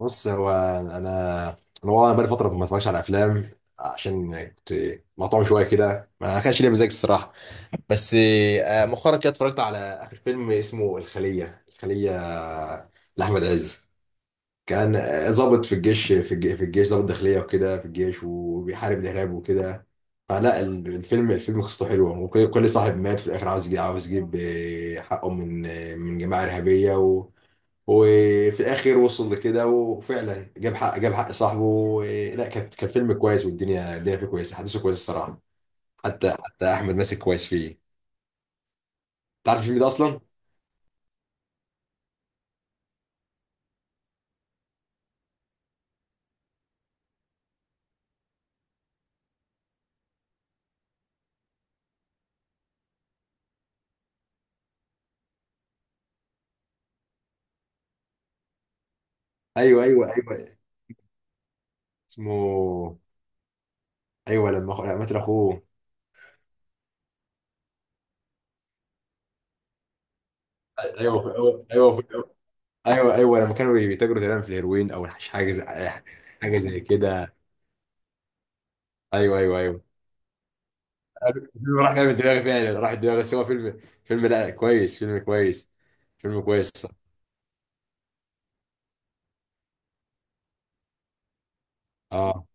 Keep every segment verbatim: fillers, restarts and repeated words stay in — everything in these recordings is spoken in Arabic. بص، هو انا انا والله بقالي فتره ما اتفرجش على افلام، عشان كنت مقطوع شويه كده، ما كانش ليا مزاج الصراحه. بس آه، مؤخرا كده اتفرجت على اخر فيلم اسمه الخليه الخليه لاحمد عز. كان آه، ضابط في الجيش في الجيش, في الجيش ضابط داخليه وكده، في الجيش وبيحارب الارهاب وكده. فلا ال- الفيلم الفيلم قصته حلوه، وكل كل صاحب مات في الاخر عاوز يجي، عاوز يجيب آه، حقه من آه، من جماعه ارهابيه. وفي الاخر وصل لكده وفعلا جاب حق جاب حق صاحبه و- لا، كانت كان فيلم كويس، والدنيا الدنيا فيه كويسه، احداثه كويسه الصراحه. حتى حتى احمد ماسك كويس فيه. تعرف الفيلم ده اصلا؟ ايوه، ايوه، ايوه. اسمه... ايوه، لما أخو... لما قتل اخوه. ايوه، ايوه، ايوه، ايوه، ايوه، أيوة. لما كانوا بيتاجروا تقريبا في الهيروين او حاجه زي حاجه زي كده. ايوه، ايوه، ايوه. الفيلم راح جاي من دماغي فعلا، راح من دماغي، بس هو فيلم فيلم لا كويس، فيلم كويس، فيلم كويس. اه،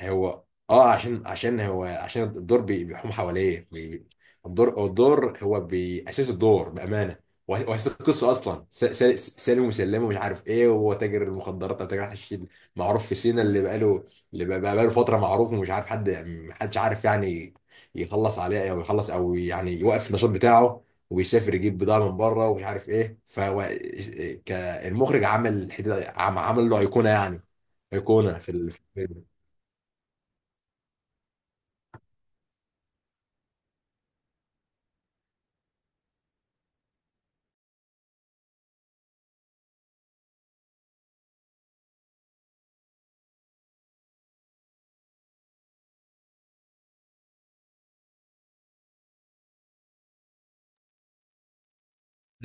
هو اه عشان عشان هو عشان الدور بي- بيحوم حواليه بي- بي- الدور هو الدور هو بيأسس الدور بأمانة. وه- وأساس القصة أصلا س- س- سالم وسلام ومش عارف إيه، وهو تاجر المخدرات أو تاجر حشيش معروف في سينا، اللي بقاله اللي بقى- بقاله فترة معروف، ومش عارف حد محدش عارف يعني يخلص عليه، أو يخلص، أو يعني يوقف النشاط بتاعه ويسافر يجيب بضاعة من بره، ومش عارف إيه. فهو كالمخرج عمل حتة- عم- عمل له أيقونة، يعني أيقونة في الفيلم.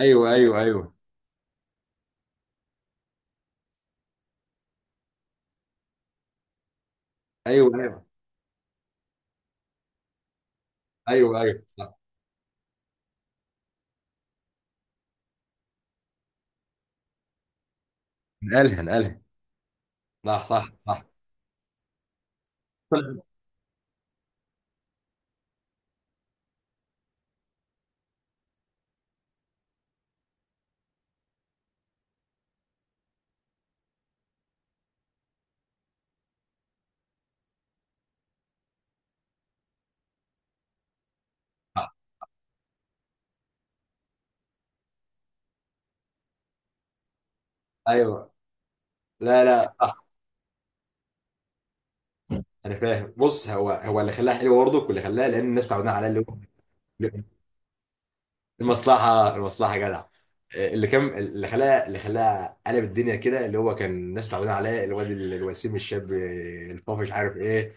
ايوه، ايوه، ايوه، ايوه، ايوه، ايوه، ايوه، صح. نقلها نقلها. صح، صح، صح. طلع. ايوه. لا، لا، صح. انا فاهم. بص، هو هو اللي خلاها حلوه برضه، واللي خلاها لان الناس متعودين على اللي هو. المصلحة، المصلحة، جدع. آه، اللي كان اللي خلاه اللي خلاه قلب الدنيا كده، اللي هو كان الناس تعبانة عليه، الواد ال- الوسيم، الشاب الفافش، مش عارف ايه.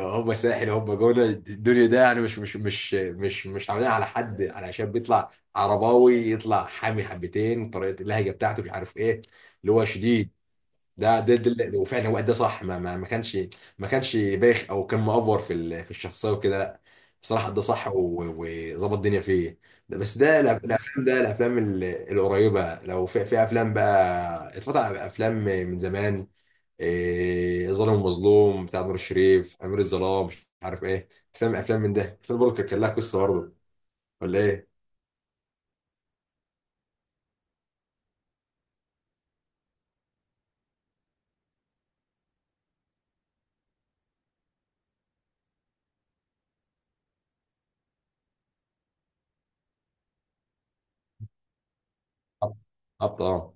هوبا ساحل، هوبا جونة الدنيا ده، يعني مش مش مش مش مش تعبانين على حد، على شاب يطلع عرباوي، يطلع حامي حبتين، طريقة اللهجة بتاعته، مش عارف ايه، اللي هو شديد. ده ده, ده اللي- وفعلا هو ادى صح، ما, ما, ما كانش ما كانش بايخ او كان مأفور في ال- في الشخصيه وكده، لا، صراحه ادى صح و- وظبط الدنيا فيه. ده بس، ده الأف- الافلام ده الافلام ال- القريبه. لو في, في افلام بقى، اتفتح افلام من زمان، إيه ظالم ومظلوم بتاع نور الشريف، امير الظلام، مش عارف ايه، افلام افلام من ده، افلام برضه كان كان لها قصه برضه، ولا ايه؟ بالظبط، اه.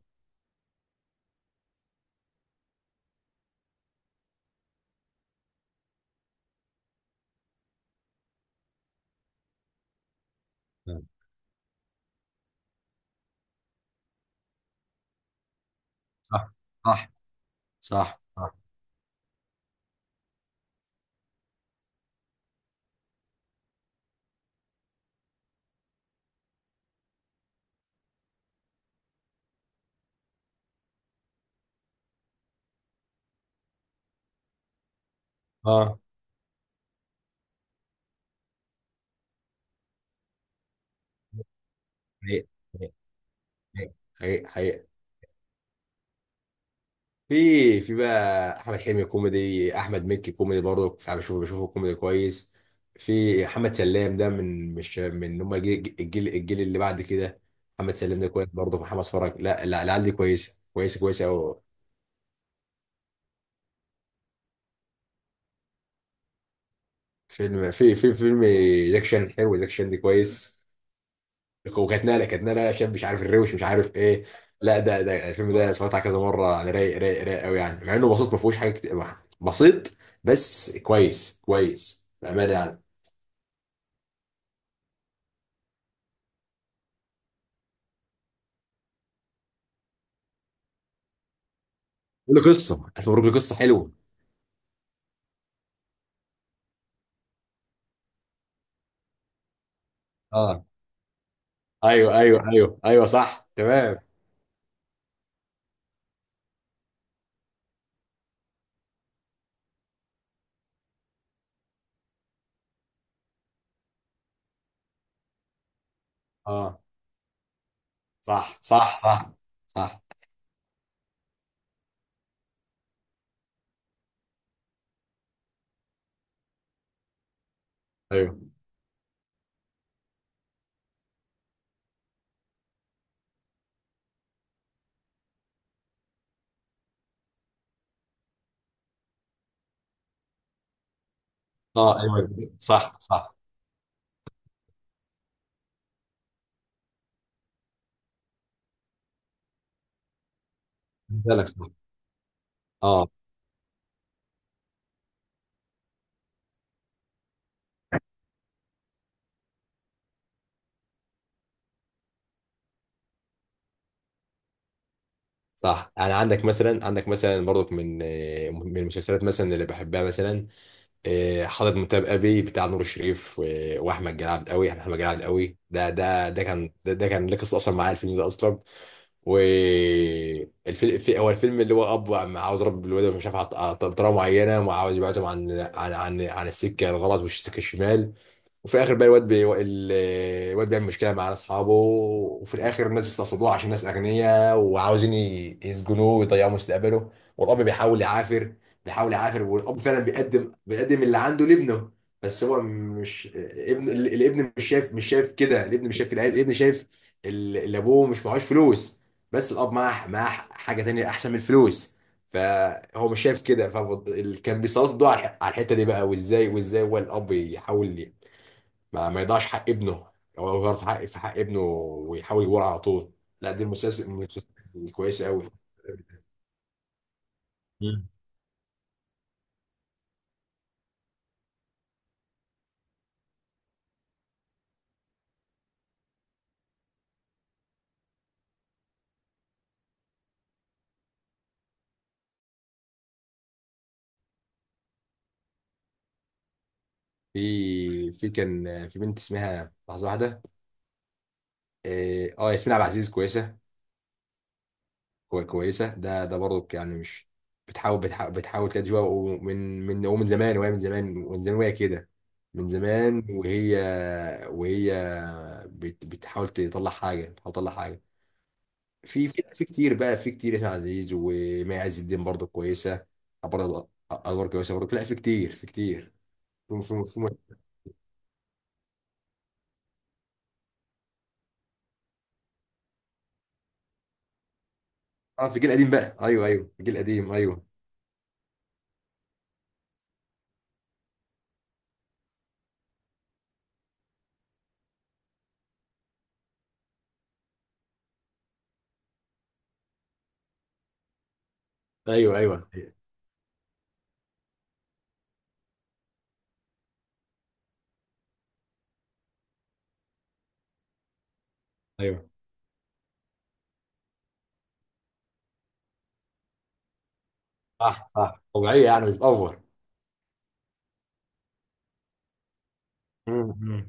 صح، صح، صح. صح. اه. حقيقي، حقيقي، حقيقي. في في بقى احمد حلمي كوميدي، احمد مكي كوميدي برضه، انا بشوفه بشوفه كوميدي كويس. في محمد سلام، ده من مش من هم الجيل الجيل الجيل اللي بعد كده، محمد سلام ده كويس برضه، محمد فرج، لا، لا، العيال دي كويسه، كويسه، كويسه قوي. فيلم في في فيلم جاك شان حلو، جاك شان دي كويس، وكانت نقله كانت نقله شاب، مش عارف الروش، مش عارف ايه. لا، ده ده الفيلم ده اتفرجت عليه كذا مره يعني، رايق، رايق، رايق قوي يعني، مع انه بسيط، ما فيهوش حاجه كتير، بسيط، بس كويس، كويس بامانه يعني. قول له قصه، هتوريك قصه حلوه. اه، ايوه، ايوه، ايوه، ايوه، صح، تمام. اه، صح، صح، صح، صح. ايوه، اه، ايوه، صح، صح. بالك، صح. اه. صح. يعني عندك مثلا، عندك مثلا برضك من من المسلسلات مثلا، اللي بحبها مثلا. إيه، حضرت مسابقه بي بتاع نور الشريف و- واحمد جلال عبد قوي، احمد جلال عبد قوي ده ده ده كان ده, ده كان ليه قصه اصلا معايا، الفيلم ده اصلا. والفيلم في هو الفيلم اللي هو اب عم- عاوز يربي الولد، مش عارف عط- عط- بطريقه معينه، وعاوز يبعدهم عن عن عن عن السكه الغلط والسكه الشمال. وفي الاخر بقى الواد بي... ال- الواد بيعمل مشكله مع اصحابه، وفي الاخر الناس استقصدوه عشان ناس اغنياء، وعاوزين ي- يسجنوه ويضيعوا مستقبله. والاب بيحاول يعافر، بيحاول يعافر والاب فعلا بيقدم بيقدم اللي عنده لابنه، بس هو مش ابن، ال- الابن مش شايف مش شايف كده، الابن مش شايف كده، الابن شايف ال- اللي ابوه مش معهوش فلوس، بس الاب معاه معاه حاجه تانية احسن من الفلوس، فهو مش شايف كده. فكان بيسلط الضوء على الح- على الحته دي بقى، وازاي وازاي هو الاب يحاول ما, ما يضيعش حق ابنه. هو هو غلط في حق في حق ابنه، ويحاول يجيبه على طول. لا، دي المسلسل من المسلسلات الكويسه قوي. مم. في في كان في بنت اسمها لحظه واحده. إيه، اه، ياسمين عبد العزيز كويسه، كو- كويسه، ده ده برضه يعني. مش بتحاول بتحاول بتحاول تلاقي جوا، ومن من ومن زمان وهي، من زمان ومن زمان وهي كده، من زمان وهي وهي بت بتحاول تطلع حاجه، بتحاول تطلع حاجه. في في في كتير بقى، في كتير، ياسر عزيز ومي عز الدين برضه كويسه، برضه ادوار كويسه برضه، لا، في كتير، في كتير، في في في. اه، في الجيل القديم بقى، ايوه، ايوه، في الجيل القديم، ايوه، ايوه، ايوه، ايوه، صح، صح، طبيعيه يعني، مش اوفر. مم.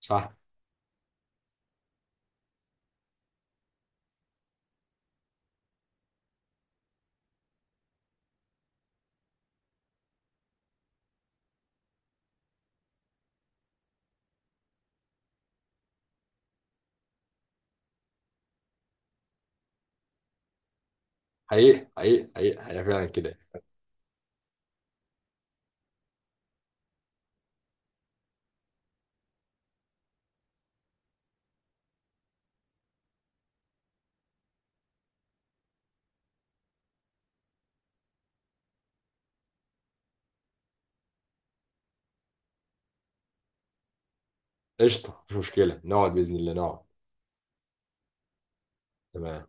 صح. حقيقي، حقيقي، حقيقي، حقيقي، فعلا كده. قشطه، مش مشكله، نقعد باذن الله، نقعد. تمام.